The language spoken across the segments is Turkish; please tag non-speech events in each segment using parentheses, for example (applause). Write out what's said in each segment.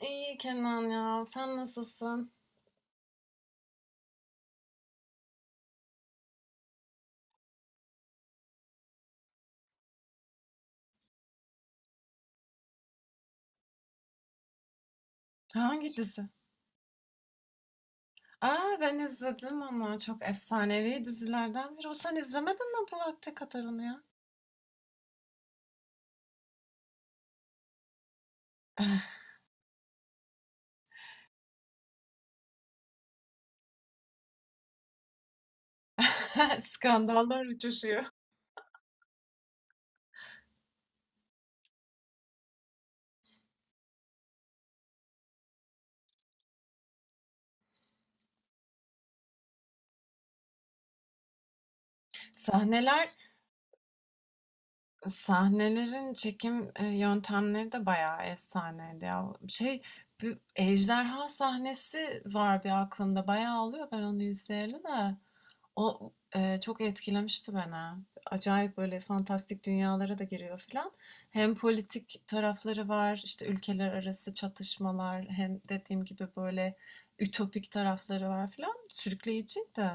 İyi Kenan ya. Sen nasılsın? Hangi dizi? Aa, ben izledim onu. Çok efsanevi dizilerden biri. O sen izlemedin mi bu vakte kadar onu ya? (laughs) Skandallar uçuşuyor. Sahneler, sahnelerin çekim yöntemleri de bayağı efsaneydi ya. Şey, bir ejderha sahnesi var bir aklımda. Bayağı oluyor ben onu izleyeli de. O, çok etkilemişti beni. Acayip böyle fantastik dünyalara da giriyor filan. Hem politik tarafları var, işte ülkeler arası çatışmalar, hem dediğim gibi böyle ütopik tarafları var filan. Sürükleyiciydi.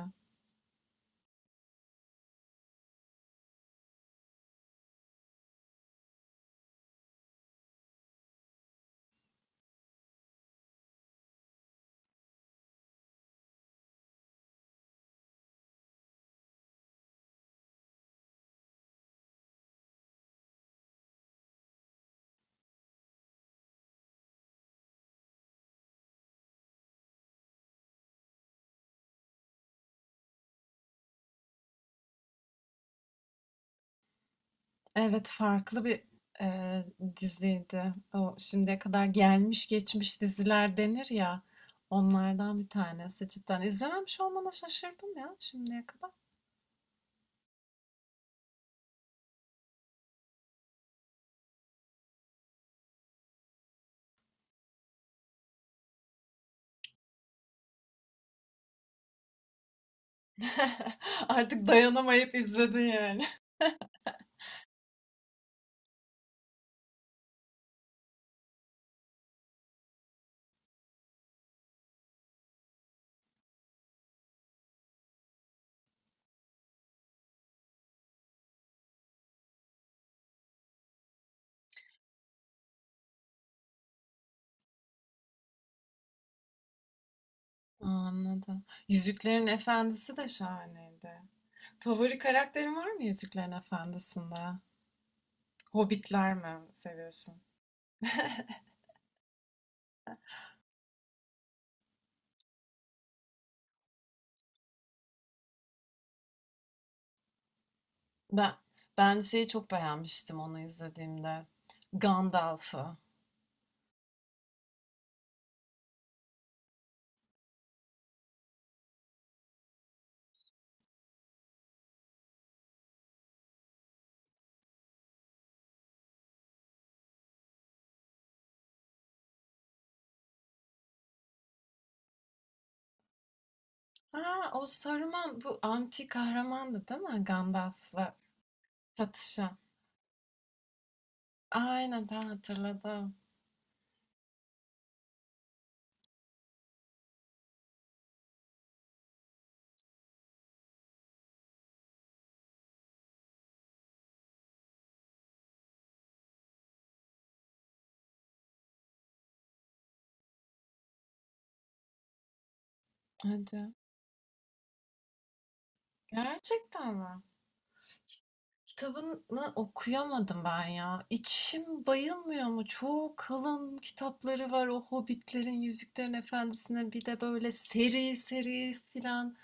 Evet, farklı bir eee, diziydi. O şimdiye kadar gelmiş geçmiş diziler denir ya. Onlardan bir tanesi cidden. İzlememiş olmana şaşırdım ya şimdiye kadar. (laughs) Artık dayanamayıp izledin yani. Anladım. Yüzüklerin Efendisi de şahaneydi. Favori karakterin var mı Yüzüklerin Efendisi'nde? Hobbitler mi seviyorsun? Ben ben şeyi çok beğenmiştim onu izlediğimde. Gandalf'ı. Aa, o Saruman bu anti kahramandı değil mi? Gandalf'la çatışan. Aynen daha hatırladım. Hadi. Gerçekten mi? Kitabını okuyamadım ben ya. İçim bayılmıyor mu? Çok kalın kitapları var. O Hobbitlerin, Yüzüklerin Efendisi'ne bir de böyle seri seri filan.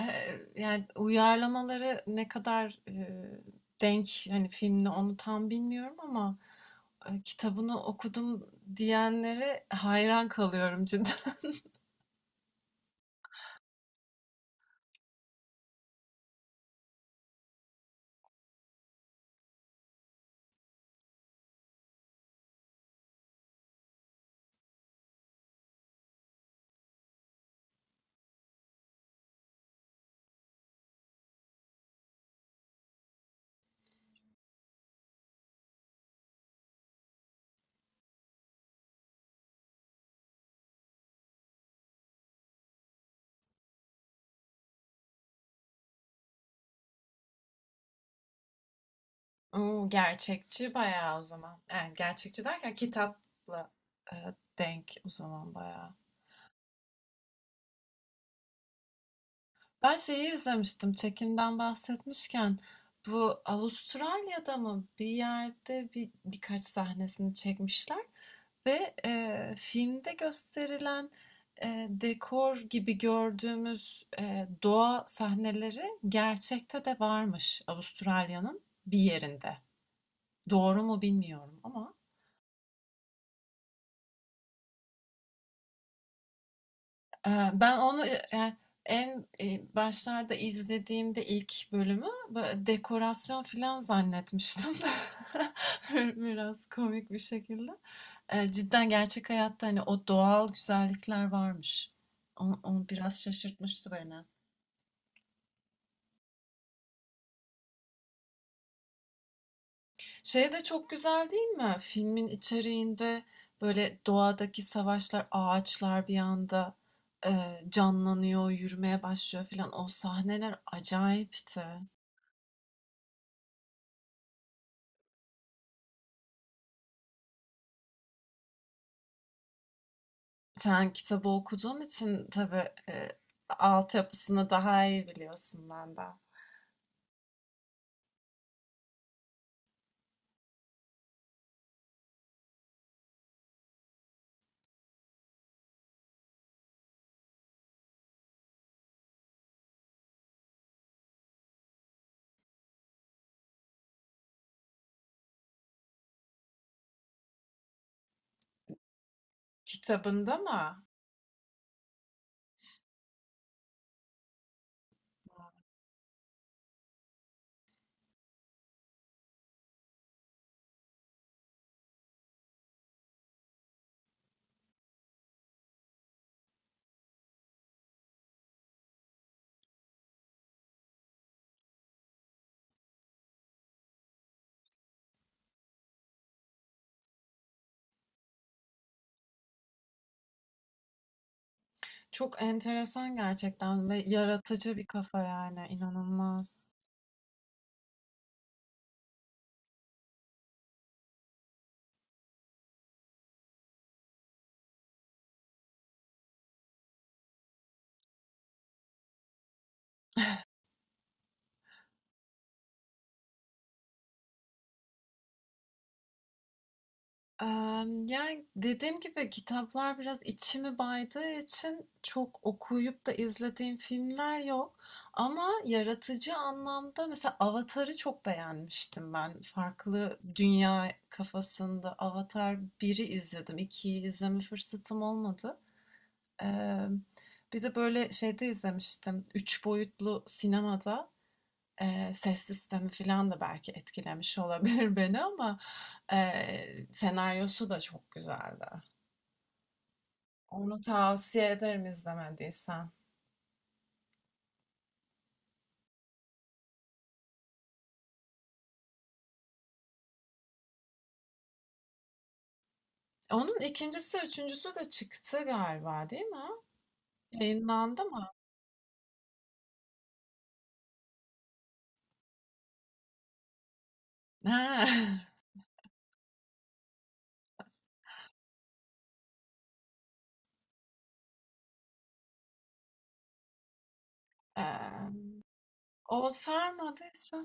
Ee, Yani uyarlamaları ne kadar denk hani filmle onu tam bilmiyorum ama kitabını okudum diyenlere hayran kalıyorum cidden. (laughs) Oo, gerçekçi bayağı o zaman. Yani gerçekçi derken kitapla e, denk o zaman bayağı. Ben şeyi izlemiştim. Çekimden bahsetmişken bu Avustralya'da mı bir yerde birkaç sahnesini çekmişler ve filmde gösterilen dekor gibi gördüğümüz doğa sahneleri gerçekte de varmış Avustralya'nın bir yerinde. Doğru mu bilmiyorum ama. Ben onu, yani başlarda izlediğimde ilk bölümü dekorasyon filan zannetmiştim. (laughs) Biraz komik bir şekilde. Cidden gerçek hayatta, hani, o doğal güzellikler varmış. O biraz şaşırtmıştı beni. Şey de çok güzel değil mi? Filmin içeriğinde, böyle, doğadaki savaşlar, ağaçlar bir anda, canlanıyor, yürümeye başlıyor filan. O sahneler acayipti. Sen kitabı okuduğun için tabii, altyapısını daha iyi biliyorsun benden. Kitabında mı? Çok enteresan gerçekten ve yaratıcı bir kafa yani, inanılmaz. Yani, dediğim gibi kitaplar biraz içimi baydığı için çok okuyup da izlediğim filmler yok ama yaratıcı anlamda mesela Avatar'ı çok beğenmiştim ben. Farklı dünya kafasında Avatar biri izledim, 2'yi izleme fırsatım olmadı. Emm, Bir de böyle şeyde izlemiştim, 3 boyutlu sinemada. Ses sistemi falan da belki etkilemiş olabilir (laughs) beni ama, senaryosu da çok güzeldi. Onu tavsiye ederim izlemediysen. Onun ikincisi üçüncüsü de çıktı galiba değil mi? Yayınlandı mı? He. Eee, (laughs) o sarmadıysa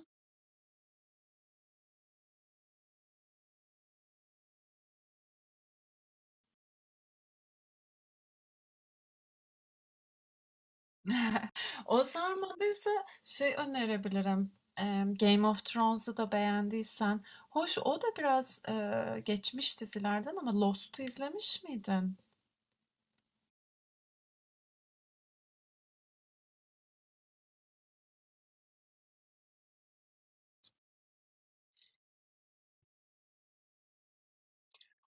(laughs) o sarmadıysa şey önerebilirim, Game of Thrones'u da beğendiysen. Hoş o da biraz, geçmiş dizilerden ama Lost'u izlemiş miydin?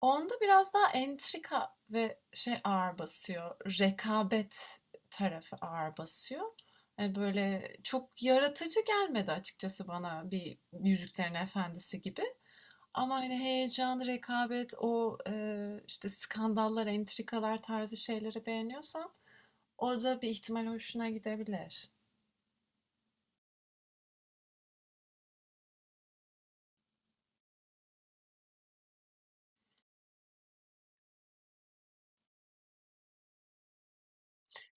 Onda biraz daha entrika ve şey ağır basıyor. Rekabet tarafı ağır basıyor. Böyle çok yaratıcı gelmedi açıkçası bana bir Yüzüklerin Efendisi gibi. Ama hani heyecan, rekabet, o işte skandallar, entrikalar tarzı şeyleri beğeniyorsan o da bir ihtimal hoşuna gidebilir.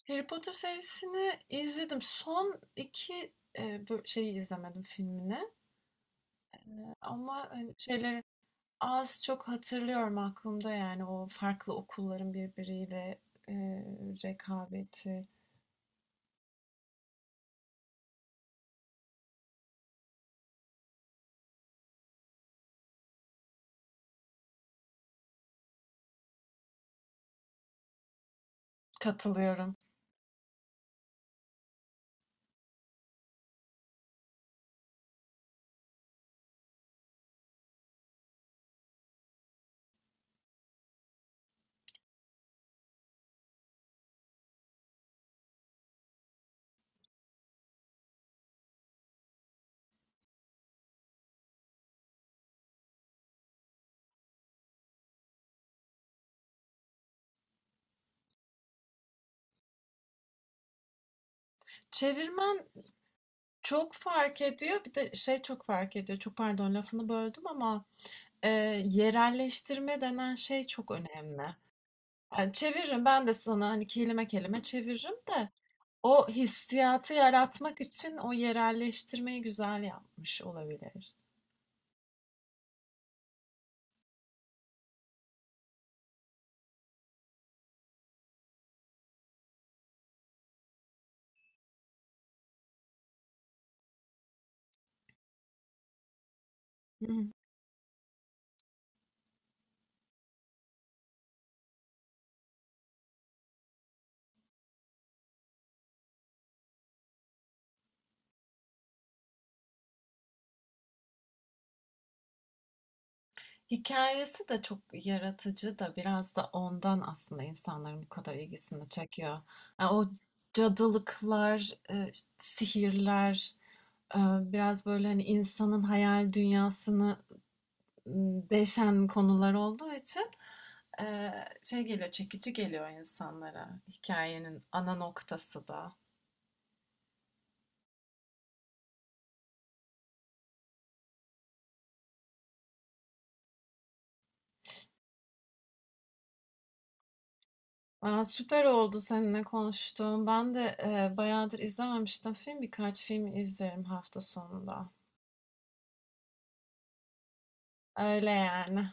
Harry Potter serisini izledim. Son iki şeyi izlemedim filmini. E, Ama hani şeyleri. Az çok hatırlıyorum aklımda yani o farklı okulların birbiriyle, eee, rekabeti. Katılıyorum. Çevirmen çok fark ediyor. Bir de şey çok fark ediyor. Çok pardon lafını böldüm ama, yerelleştirme denen şey çok önemli. Yani çeviririm ben de sana hani kelime kelime çeviririm de o hissiyatı yaratmak için o yerelleştirmeyi güzel yapmış olabilir. Hikayesi de çok yaratıcı da biraz da ondan aslında insanların bu kadar ilgisini çekiyor. Ya o cadılıklar, sihirler, e, biraz böyle hani insanın hayal dünyasını deşen konular olduğu için, e, şey geliyor, çekici geliyor insanlara hikayenin ana noktası da. Aa, süper oldu seninle konuştuğum. Ben de bayağıdır izlememiştim film. Birkaç film izlerim hafta sonunda. Öyle yani.